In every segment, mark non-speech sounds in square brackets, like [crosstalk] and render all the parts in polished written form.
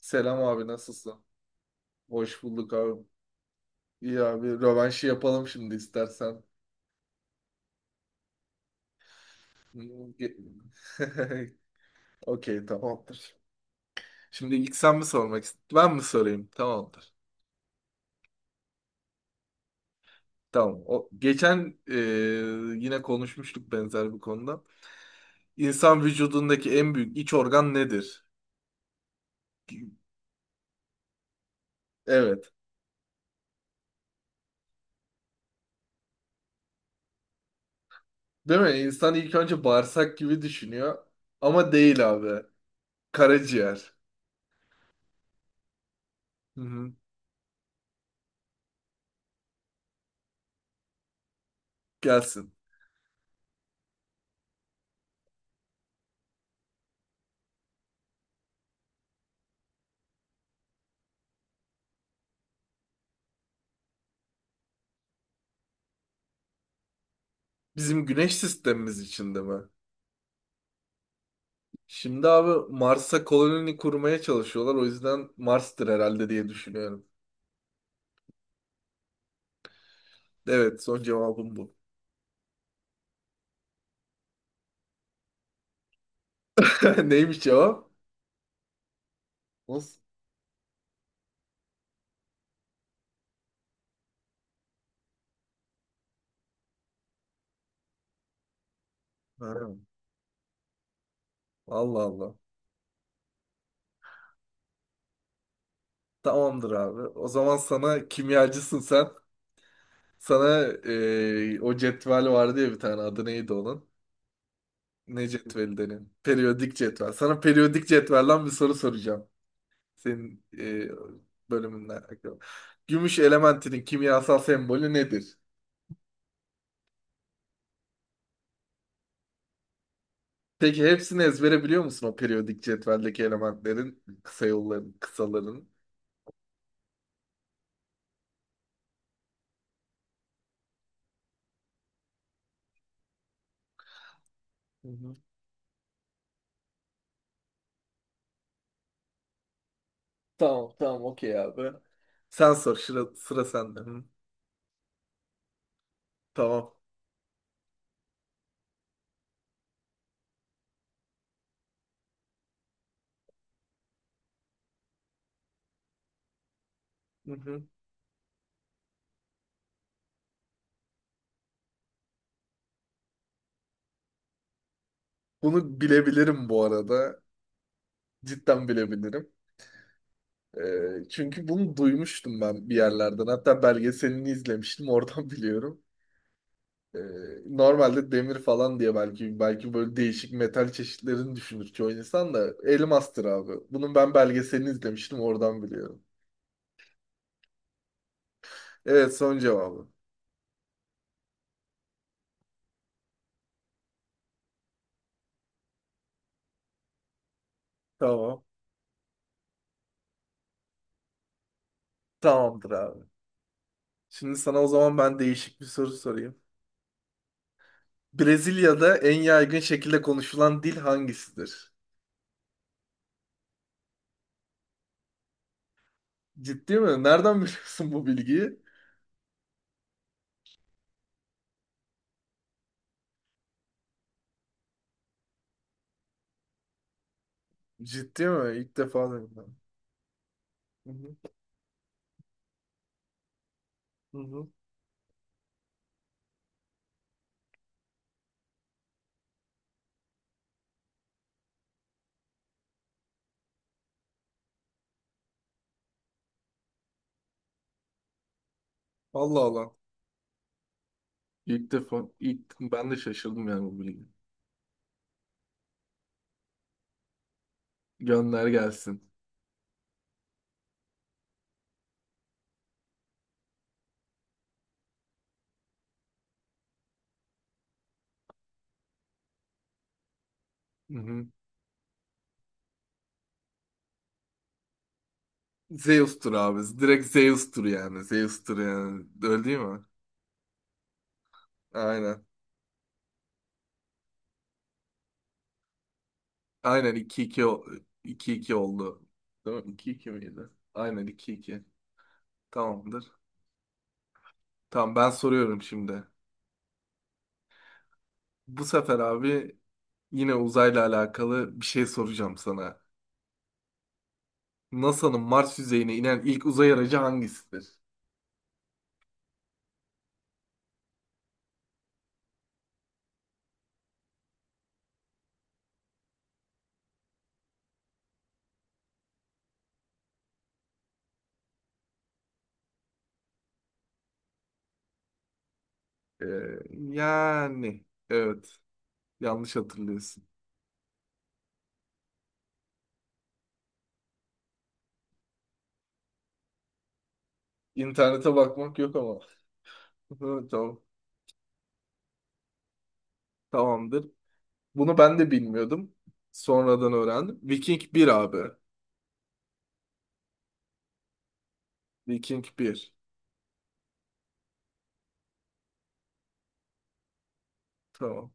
Selam abi, nasılsın? Hoş bulduk abi. İyi abi, rövanşı yapalım şimdi istersen. Hmm, ge- [laughs] Okey, tamamdır. Şimdi ilk sen mi sormak istiyorsun? Ben mi sorayım? Tamamdır. Tamam. O, geçen yine konuşmuştuk benzer bir konuda. İnsan vücudundaki en büyük iç organ nedir? Evet. Değil mi? İnsan ilk önce bağırsak gibi düşünüyor. Ama değil abi. Karaciğer. Hı hı. Gelsin. Bizim güneş sistemimiz içinde mi? Şimdi abi, Mars'a koloni kurmaya çalışıyorlar. O yüzden Mars'tır herhalde diye düşünüyorum. Evet, son cevabım bu. [laughs] Neymiş cevap? Nasıl? Ha, Allah Allah. Tamamdır abi. O zaman sana, kimyacısın sen. Sana o cetvel vardı ya, bir tane adı neydi onun? Ne cetveli denen? Periyodik cetvel. Sana periyodik cetvelden bir soru soracağım. Senin bölümünden alakalı. Gümüş elementinin kimyasal sembolü nedir? Peki hepsini ezbere biliyor musun, o periyodik cetveldeki elementlerin, kısa yolların, kısaların? Hı hı. Tamam, tamam, okey abi. Sen sor, sıra sende. Hı, tamam. Hı hı. Bunu bilebilirim bu arada. Cidden bilebilirim. Çünkü bunu duymuştum ben bir yerlerden. Hatta belgeselini izlemiştim, oradan [laughs] biliyorum. Ee, Normalde demir falan diye belki böyle değişik metal çeşitlerini düşünür çoğu insan da, elmastır abi. Bunun ben belgeselini izlemiştim, oradan biliyorum. Evet, son cevabı. Tamam. Tamamdır abi. Şimdi sana o zaman ben değişik bir soru sorayım. Brezilya'da en yaygın şekilde konuşulan dil hangisidir? Ciddi mi? Nereden [laughs] biliyorsun bu bilgiyi? Ciddi mi? İlk defa duydum ben. Hı hı. Hı hı. Allah Allah. İlk defa, ilk ben de şaşırdım yani bu bilgi. Gönder gelsin. Hı hı. Zeus'tur abi. Direkt Zeus'tur yani. Zeus'tur yani. Öyle değil mi? Aynen. Aynen iki iki iki 2 oldu. Değil mi? İki 2 miydi? Aynen iki iki. Tamamdır. Tamam, ben soruyorum şimdi. Bu sefer abi, yine uzayla alakalı bir şey soracağım sana. NASA'nın Mars yüzeyine inen ilk uzay aracı hangisidir? Ee, Yani evet, yanlış hatırlıyorsun. İnternete bakmak yok ama. [laughs] Evet, tamam. Tamamdır. Bunu ben de bilmiyordum. Sonradan öğrendim. Viking bir abi. Viking bir. Tamam.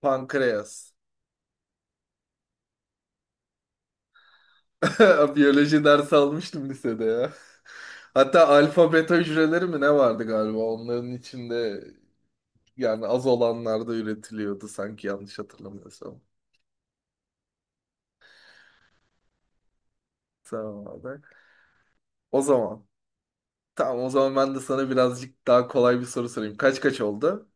Pankreas. [laughs] Biyoloji dersi almıştım lisede ya. Hatta alfa beta hücreleri mi ne vardı galiba onların içinde, yani az olanlarda üretiliyordu sanki, yanlış hatırlamıyorsam. Tamam abi. O zaman. Tamam, o zaman ben de sana birazcık daha kolay bir soru sorayım. Kaç kaç oldu?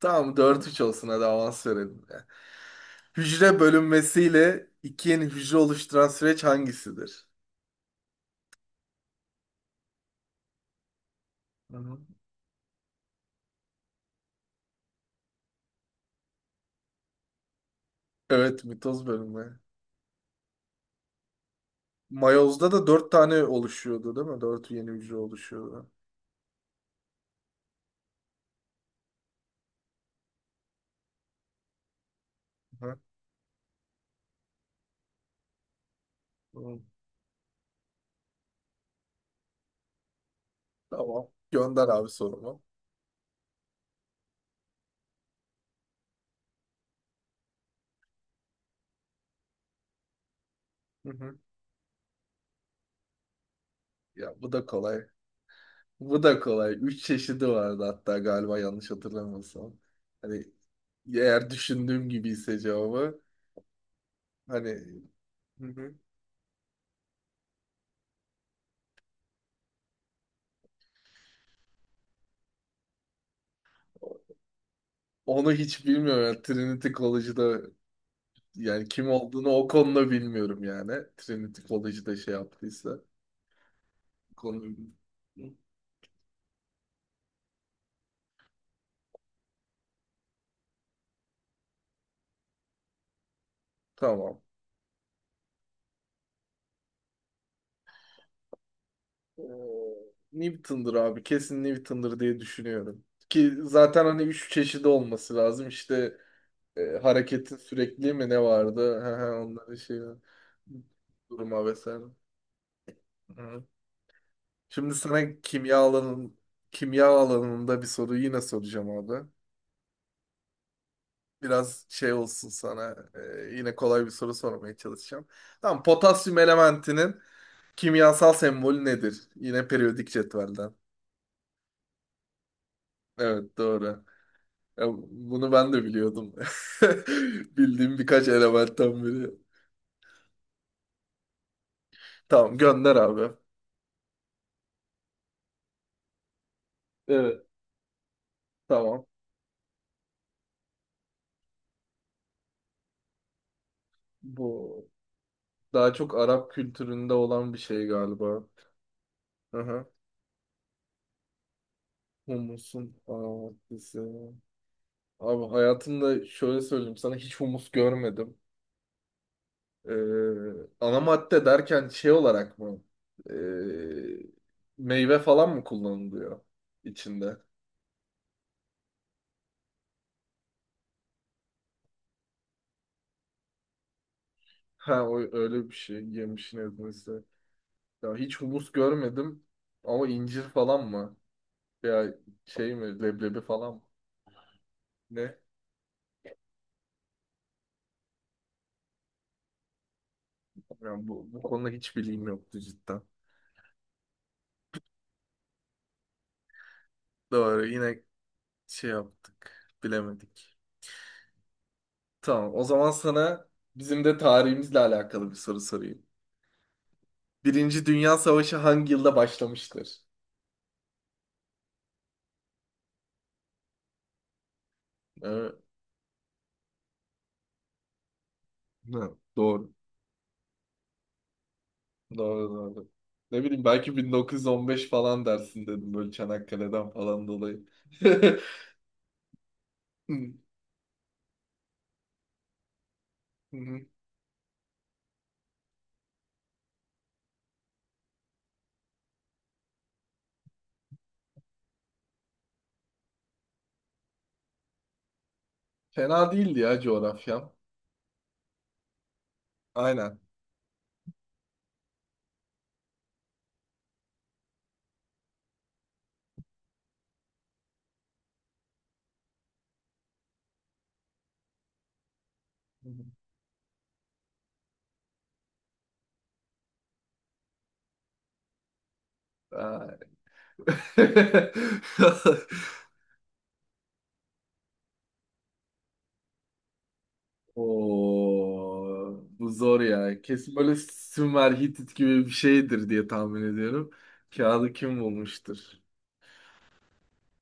Tamam, dört üç olsun, hadi avans verelim ya. Hücre bölünmesiyle iki yeni hücre oluşturan süreç hangisidir? Hı hı. Evet, mitoz bölünme. Mayoz'da da dört tane oluşuyordu değil mi? Dört yeni hücre oluşuyordu. Hı hı. Tamam. Gönder abi sorumu. Hı hı. Ya bu da kolay. Bu da kolay. Üç çeşidi vardı hatta galiba, yanlış hatırlamıyorsam. Hani eğer düşündüğüm gibiyse cevabı. Hani, hı hı. Onu hiç bilmiyorum. Yani Trinity College'da, yani kim olduğunu o konuda bilmiyorum yani. Trinity College'da şey yaptıysa. Konu... Tamam. Ee, Newton'dur abi. Kesin Newton'dur diye düşünüyorum. Ki zaten hani üç çeşidi olması lazım. İşte hareketin sürekliliği mi ne vardı? [laughs] Hı hı, onların şey duruma vesaire. Hı. Şimdi sana kimya alanında bir soru yine soracağım abi. Biraz şey olsun sana. Yine kolay bir soru sormaya çalışacağım. Tamam, potasyum elementinin kimyasal sembolü nedir? Yine periyodik cetvelden. Evet, doğru. Ya bunu ben de biliyordum. [laughs] Bildiğim birkaç elementten biri. Tamam, gönder abi. Evet. Tamam. Bu daha çok Arap kültüründe olan bir şey galiba. Aha. Humusun aromatisi. Abi, hayatımda şöyle söyleyeyim sana, hiç humus görmedim. Ee, Ana madde derken şey olarak mı? Ee, Meyve falan mı kullanılıyor içinde? Ha o, öyle bir şey, yemişin ezmesi. Ya hiç humus görmedim ama incir falan mı? Ya şey mi, leblebi falan mı? Ne? Yani bu konuda hiç bilgim yoktu cidden. Doğru, yine şey yaptık, bilemedik. Tamam, o zaman sana bizim de tarihimizle alakalı bir soru sorayım. Birinci Dünya Savaşı hangi yılda başlamıştır? Evet. Hı, doğru. Doğru doğru. Ne bileyim, belki 1915 falan dersin dedim böyle Çanakkale'den falan dolayı. [laughs] Hı, hı. Fena değildi ya coğrafyam. Aynen. Ay. [laughs] Oo, bu zor ya. Kesin böyle Sümer Hitit gibi bir şeydir diye tahmin ediyorum. Kağıdı kim bulmuştur?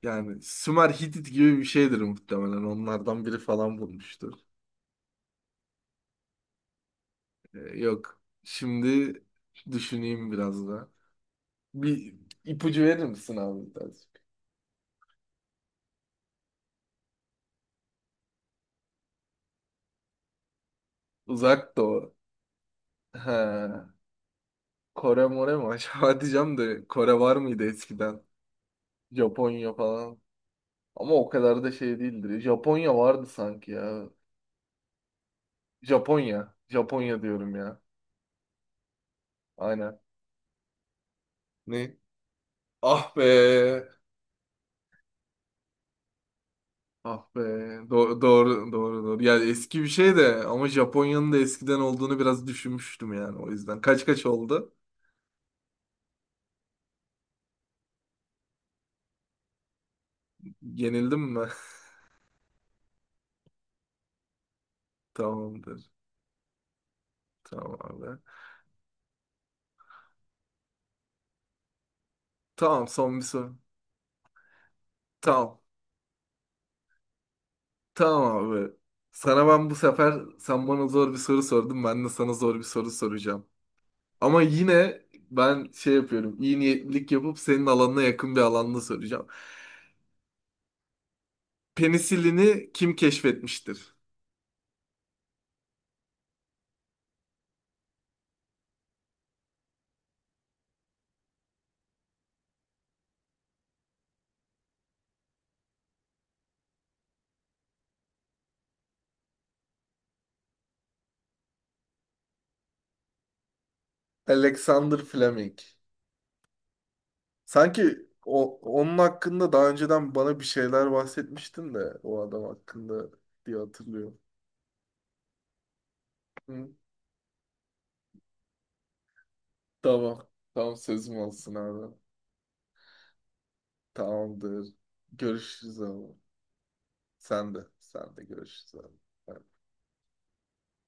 Yani Sümer Hitit gibi bir şeydir muhtemelen. Onlardan biri falan bulmuştur. Yok. Şimdi düşüneyim biraz da. Bir ipucu verir misin abi birazcık? Uzak Doğu. Ha, Kore more mu acaba [laughs] diyeceğim de, Kore var mıydı eskiden? Japonya falan. Ama o kadar da şey değildir. Japonya vardı sanki ya. Japonya. Japonya diyorum ya. Aynen. Ne? Ah be. Ah be. Doğru doğru doğru. Yani eski bir şey de, ama Japonya'nın da eskiden olduğunu biraz düşünmüştüm yani, o yüzden. Kaç kaç oldu? Yenildim mi? [laughs] Tamamdır. Tamam abi. Tamam, son bir soru. Tamam. Tamam abi. Sana ben bu sefer, sen bana zor bir soru sordun, ben de sana zor bir soru soracağım. Ama yine ben şey yapıyorum, iyi niyetlilik yapıp senin alanına yakın bir alanda soracağım. Penisilini kim keşfetmiştir? Alexander Fleming. Sanki onun hakkında daha önceden bana bir şeyler bahsetmiştin de, o adam hakkında diye hatırlıyorum. Hı. Tamam. Tamam, sözüm olsun abi. Tamamdır. Görüşürüz abi. Sen de. Sen de görüşürüz abi. Bay bay.